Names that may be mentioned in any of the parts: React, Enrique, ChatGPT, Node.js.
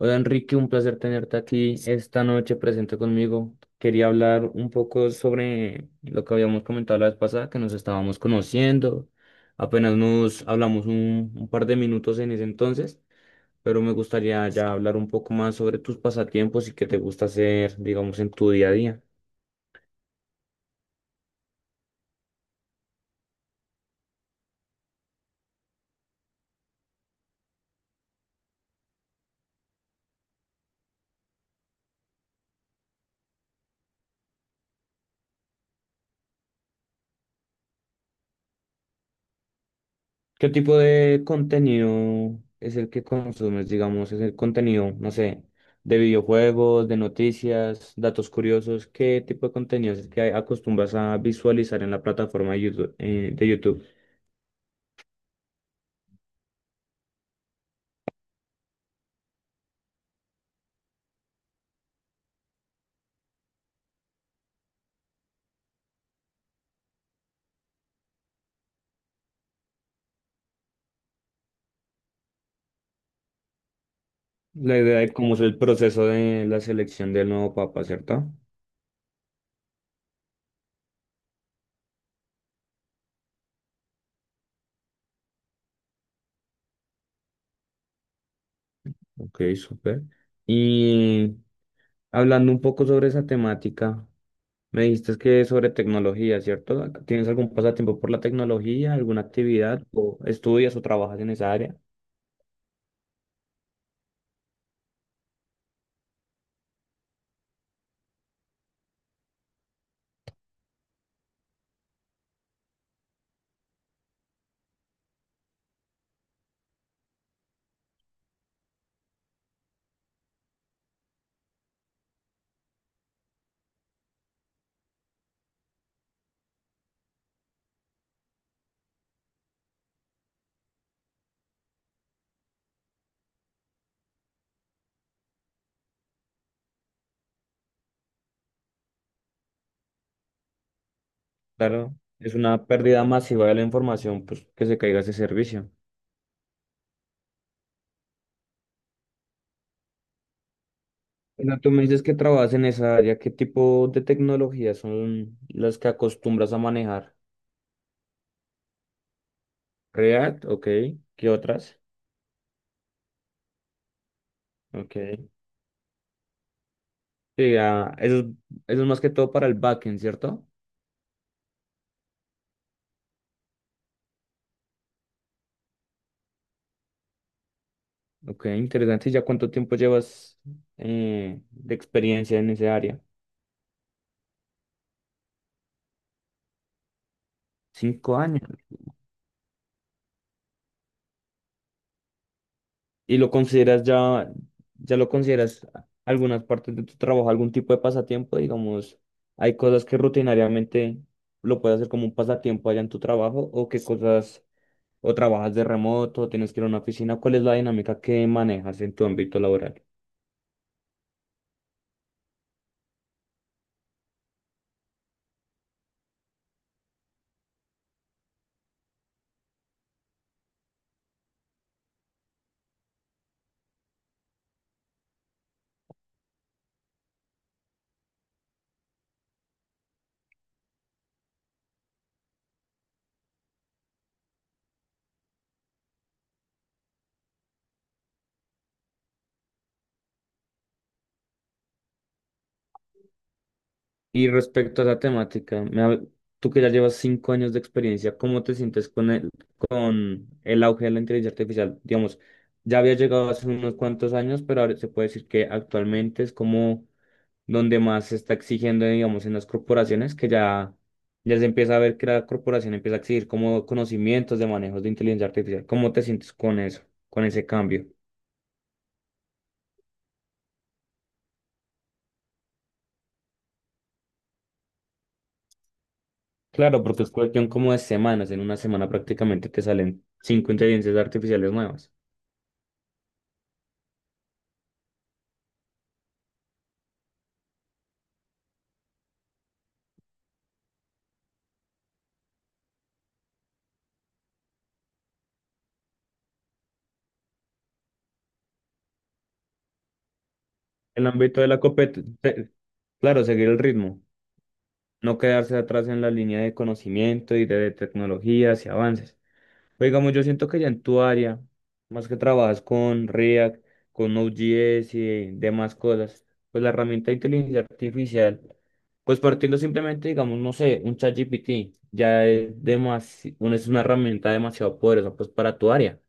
Hola Enrique, un placer tenerte aquí esta noche presente conmigo. Quería hablar un poco sobre lo que habíamos comentado la vez pasada, que nos estábamos conociendo. Apenas nos hablamos un par de minutos en ese entonces, pero me gustaría ya hablar un poco más sobre tus pasatiempos y qué te gusta hacer, digamos, en tu día a día. ¿Qué tipo de contenido es el que consumes? Digamos, es el contenido, no sé, de videojuegos, de noticias, datos curiosos. ¿Qué tipo de contenido es el que acostumbras a visualizar en la plataforma de YouTube? La idea de cómo es el proceso de la selección del nuevo papa, ¿cierto? Ok, súper. Y hablando un poco sobre esa temática, me dijiste que es sobre tecnología, ¿cierto? ¿Tienes algún pasatiempo por la tecnología, alguna actividad, o estudias o trabajas en esa área? Claro, es una pérdida masiva de la información, pues que se caiga ese servicio. Bueno, tú me dices que trabajas en esa área, ¿qué tipo de tecnologías son las que acostumbras a manejar? React, ok, ¿qué otras? Ok. Sí, ah, eso es más que todo para el backend, ¿cierto? Ok, interesante. ¿Y ya cuánto tiempo llevas de experiencia en esa área? 5 años. y lo consideras ya, ya lo consideras algunas partes de tu trabajo, algún tipo de pasatiempo, digamos, hay cosas que rutinariamente lo puedes hacer como un pasatiempo allá en tu trabajo o qué cosas, o trabajas de remoto, tienes que ir a una oficina, ¿cuál es la dinámica que manejas en tu ámbito laboral? Y respecto a la temática, tú que ya llevas 5 años de experiencia, ¿cómo te sientes con con el auge de la inteligencia artificial? Digamos, ya había llegado hace unos cuantos años, pero ahora se puede decir que actualmente es como donde más se está exigiendo, digamos, en las corporaciones, ya se empieza a ver que la corporación empieza a exigir como conocimientos de manejos de inteligencia artificial. ¿Cómo te sientes con eso, con ese cambio? Claro, porque es cuestión como de semanas, en una semana prácticamente te salen cinco inteligencias artificiales nuevas. El ámbito de la competencia, claro, seguir el ritmo, no quedarse atrás en la línea de conocimiento y de tecnologías y avances. Pero digamos, yo siento que ya en tu área, más que trabajas con React, con Node.js y demás cosas, pues la herramienta de inteligencia artificial, pues partiendo simplemente, digamos, no sé, un ChatGPT, ya es es una herramienta demasiado poderosa, pues para tu área.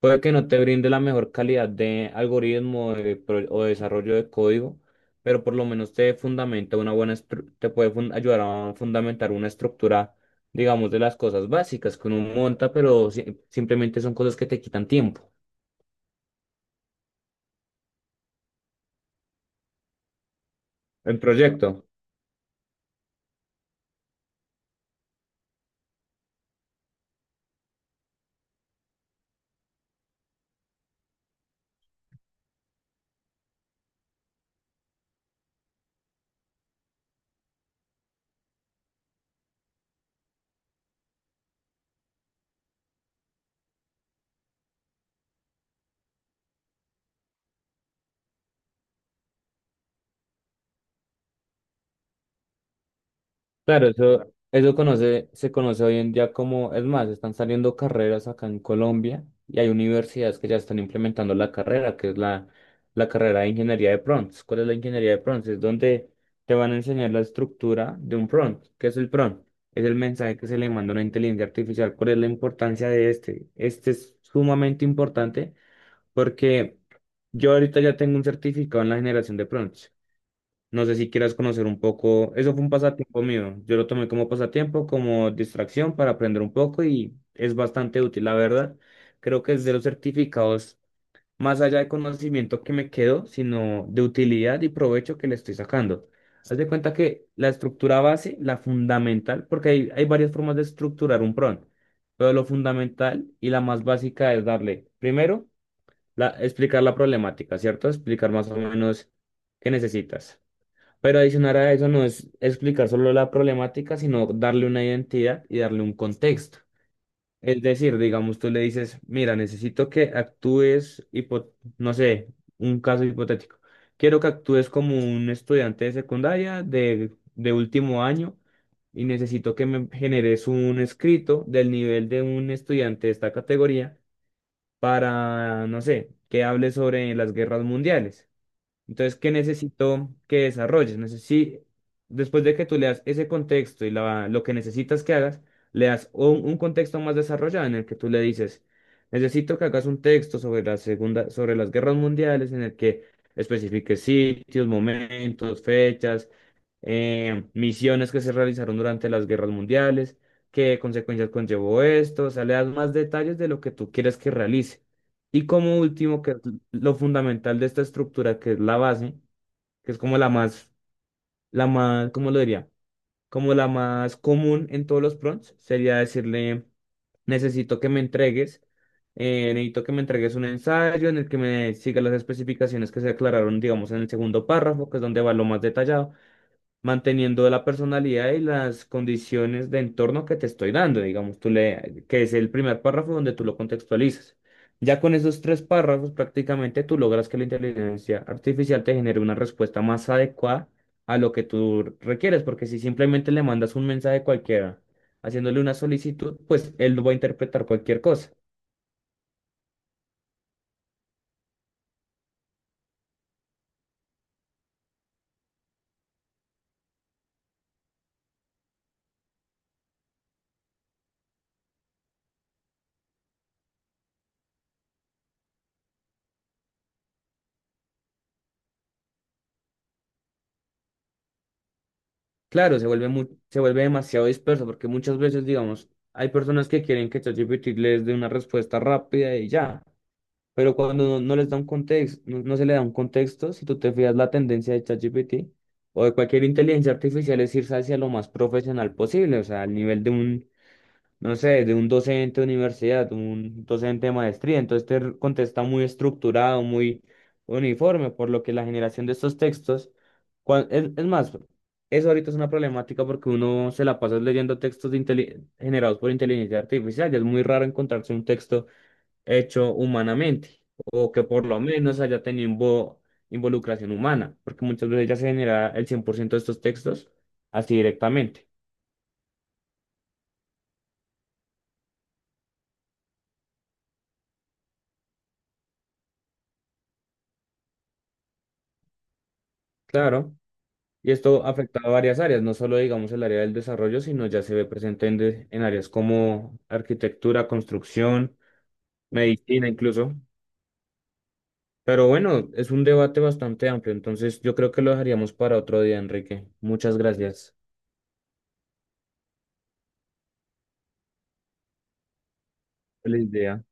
Puede que no te brinde la mejor calidad de algoritmo de o de desarrollo de código, pero por lo menos te fundamenta una buena ayudar a fundamentar una estructura, digamos, de las cosas básicas que uno monta, pero simplemente son cosas que te quitan tiempo en proyecto. Claro, se conoce hoy en día como, es más, están saliendo carreras acá en Colombia y hay universidades que ya están implementando la carrera, que es la carrera de ingeniería de prompts. ¿Cuál es la ingeniería de prompts? Es donde te van a enseñar la estructura de un prompt. ¿Qué es el prompt? Es el mensaje que se le manda a una inteligencia artificial. ¿Cuál es la importancia de este? Este es sumamente importante porque yo ahorita ya tengo un certificado en la generación de prompts. No sé si quieras conocer un poco. Eso fue un pasatiempo mío. Yo lo tomé como pasatiempo, como distracción para aprender un poco y es bastante útil, la verdad. Creo que es de los certificados, más allá de conocimiento que me quedo, sino de utilidad y provecho que le estoy sacando. Haz de cuenta que la estructura base, la fundamental, porque hay varias formas de estructurar un prompt, pero lo fundamental y la más básica es darle, primero, explicar la problemática, ¿cierto? Explicar más o menos qué necesitas. Pero adicionar a eso no es explicar solo la problemática, sino darle una identidad y darle un contexto. Es decir, digamos, tú le dices, mira, necesito que actúes, no sé, un caso hipotético. Quiero que actúes como un estudiante de secundaria de último año y necesito que me generes un escrito del nivel de un estudiante de esta categoría para, no sé, que hable sobre las guerras mundiales. Entonces, ¿qué necesito que desarrolles? Después de que tú le das ese contexto y lo que necesitas que hagas, le das un contexto más desarrollado en el que tú le dices, necesito que hagas un texto sobre sobre las guerras mundiales, en el que especifiques sitios, momentos, fechas, misiones que se realizaron durante las guerras mundiales, qué consecuencias conllevó esto, o sea, le das más detalles de lo que tú quieres que realice. Y como último, que lo fundamental de esta estructura, que es la base, que es como ¿cómo lo diría? Como la más común en todos los prompts, sería decirle, necesito que me entregues, necesito que me entregues un ensayo en el que me siga las especificaciones que se aclararon, digamos, en el segundo párrafo, que es donde va lo más detallado manteniendo la personalidad y las condiciones de entorno que te estoy dando, digamos, que es el primer párrafo donde tú lo contextualizas. Ya con esos tres párrafos prácticamente tú logras que la inteligencia artificial te genere una respuesta más adecuada a lo que tú requieres, porque si simplemente le mandas un mensaje cualquiera haciéndole una solicitud, pues él lo va a interpretar cualquier cosa. Claro, se vuelve se vuelve demasiado disperso porque muchas veces, digamos, hay personas que quieren que ChatGPT les dé una respuesta rápida y ya. Pero cuando no les da un contexto, no se le da un contexto, si tú te fijas la tendencia de ChatGPT o de cualquier inteligencia artificial es irse hacia lo más profesional posible, o sea, al nivel de un, no sé, de un docente de universidad, un docente de maestría, entonces contesta muy estructurado, muy uniforme, por lo que la generación de estos textos, es más, eso ahorita es una problemática porque uno se la pasa leyendo textos de generados por inteligencia artificial, y es muy raro encontrarse un texto hecho humanamente o que por lo menos haya tenido involucración humana, porque muchas veces ya se genera el 100% de estos textos así directamente. Claro, y esto afecta a varias áreas, no solo digamos el área del desarrollo, sino ya se ve presente en, en áreas como arquitectura, construcción, medicina incluso. Pero bueno, es un debate bastante amplio, entonces yo creo que lo dejaríamos para otro día, Enrique. Muchas gracias. Feliz día.